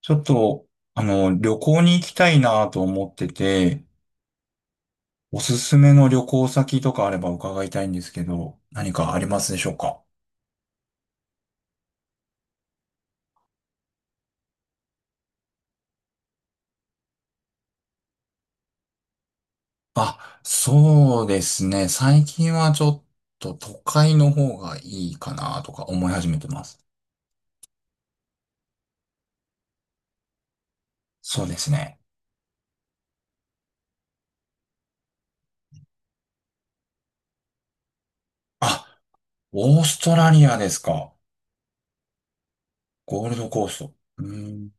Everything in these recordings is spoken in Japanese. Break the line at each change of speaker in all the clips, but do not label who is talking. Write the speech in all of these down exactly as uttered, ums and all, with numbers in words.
ちょっと、あの、旅行に行きたいなと思ってて、おすすめの旅行先とかあれば伺いたいんですけど、何かありますでしょうか？あ、そうですね。最近はちょっと都会の方がいいかなとか思い始めてます。そうですね。あ、オーストラリアですか。ゴールドコースト。うーん。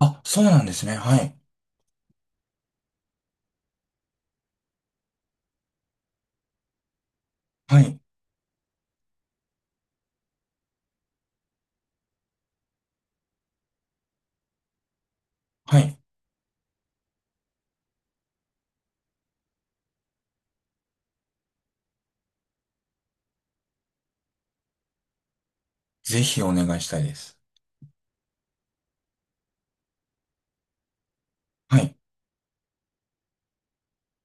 あ、そうなんですね。はい。はい。はい。ぜひお願いしたいです。はい。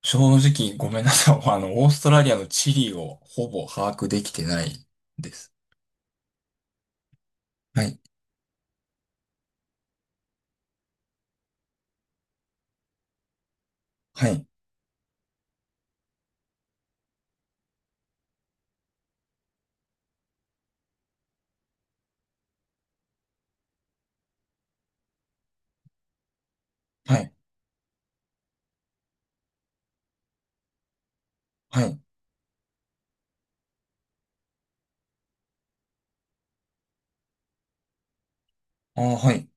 正直ごめんなさい。あの、オーストラリアの地理をほぼ把握できてないです。はい。はい。はい。はい。ああ、はい。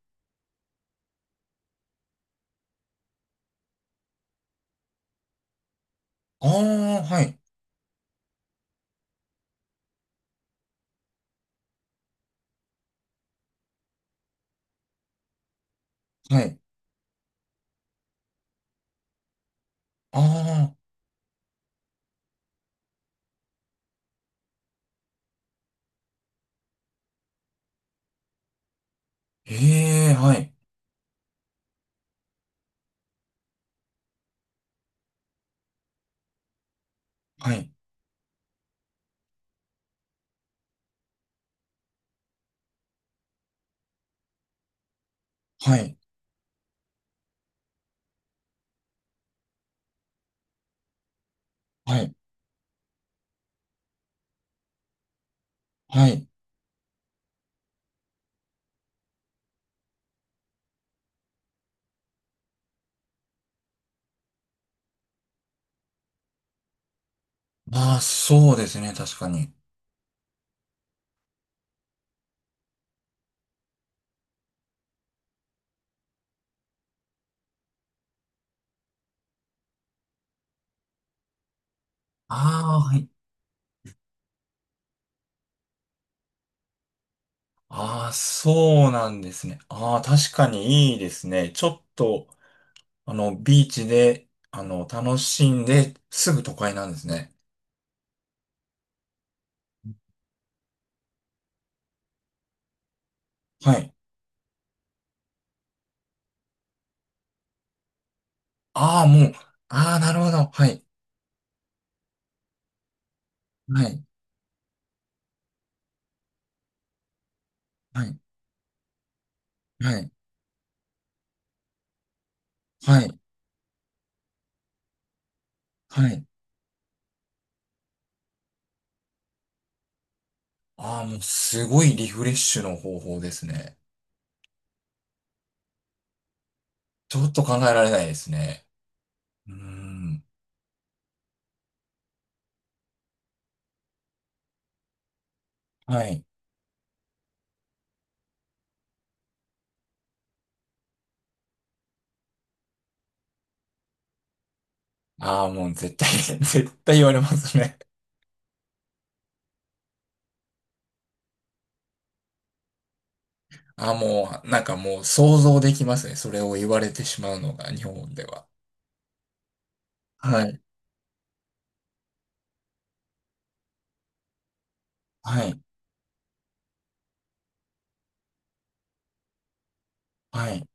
ああ、はい。はい。ああ、ええ、はい。はい。はい。はい。はい。ああ、そうですね。確かに。ああ、はい。ああ、そうなんですね。ああ、確かにいいですね。ちょっと、あの、ビーチで、あの、楽しんで、すぐ都会なんですね。はい。ああ、もう、ああ、なるほど。はい。はい。はい。はい。はい。はい。ああ、もう、すごいリフレッシュの方法ですね。ちょっと考えられないですね。うーん。はい。ああ、もう、絶対 絶対言われますね。ああ、もう、なんかもう、想像できますね。それを言われてしまうのが、日本では。はい。はい。はい。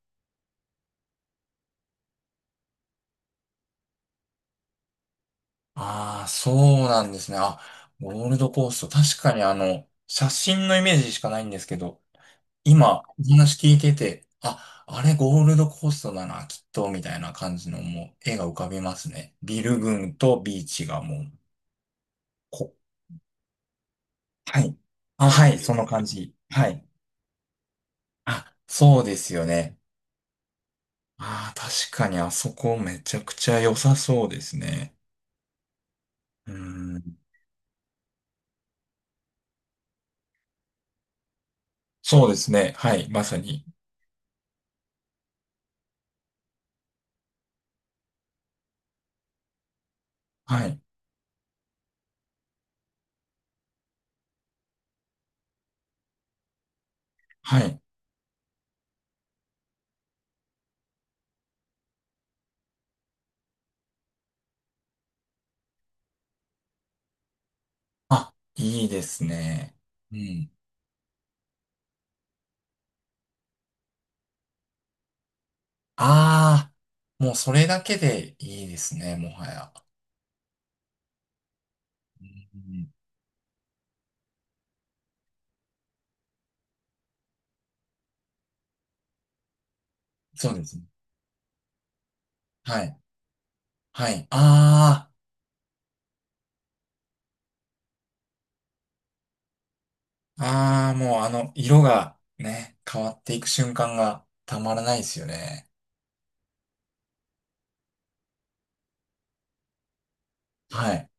ああ、そうなんですね。あ、ゴールドコースト。確かに、あの、写真のイメージしかないんですけど、今、お話聞いてて、あ、あれゴールドコーストだな、きっと、みたいな感じのもう絵が浮かびますね。ビル群とビーチがもう、こ、はい。あ、はい、その感じ。はい。あ、そうですよね。ああ、確かにあそこめちゃくちゃ良さそうですね。うーん。そうですね。はい、まさに。はい。はい。あ、いいですね。うん。ああ、もうそれだけでいいですね、もはや。うん。そうですね。はい。はい。ああ、ああ、もうあの、色がね、変わっていく瞬間がたまらないですよね。はい。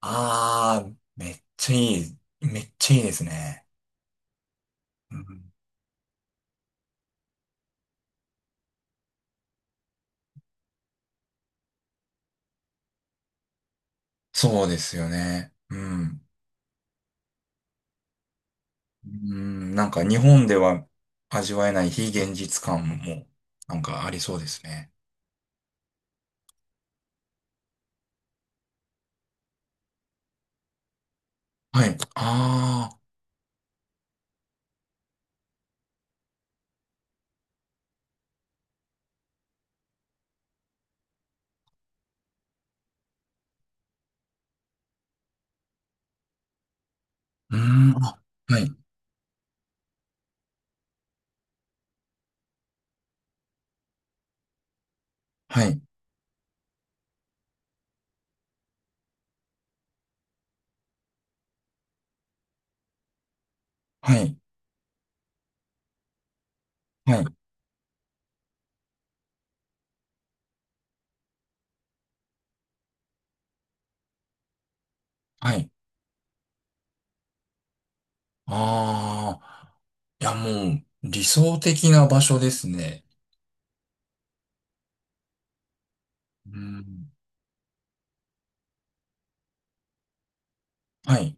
ああ、めっちゃいい。めっちゃいいですね。うん、そうですよね。うん。うん、なんか日本では味わえない非現実感も、なんかありそうですね。はい。ああ、うーん、あ、はい。はい。はい。はい。はい。ああ。いや、もう、理想的な場所ですね。うん。はい。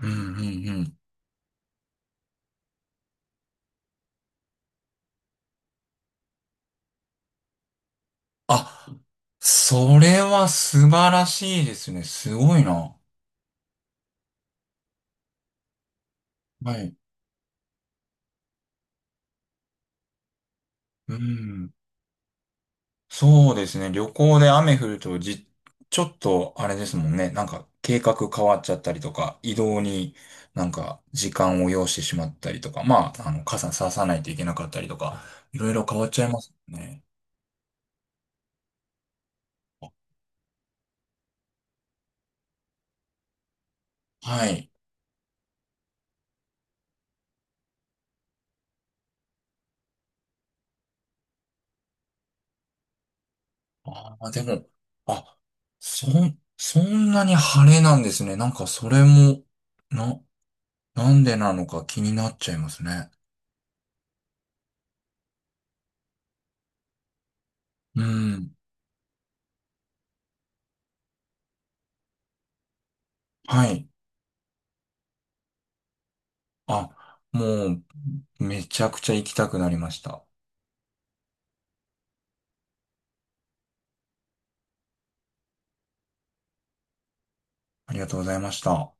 うんうんうん。あ、それは素晴らしいですね。すごいな。はい。うん。そうですね。旅行で雨降るとじ、ちょっとあれですもんね。なんか計画変わっちゃったりとか、移動になんか時間を要してしまったりとか、まあ、あの、傘ささないといけなかったりとか、いろいろ変わっちゃいますね。はい。ああ、でも、あ、そん、そんなに晴れなんですね。なんかそれも、な、なんでなのか気になっちゃいますね。うん。はい。あ、もう、めちゃくちゃ行きたくなりました。ありがとうございました。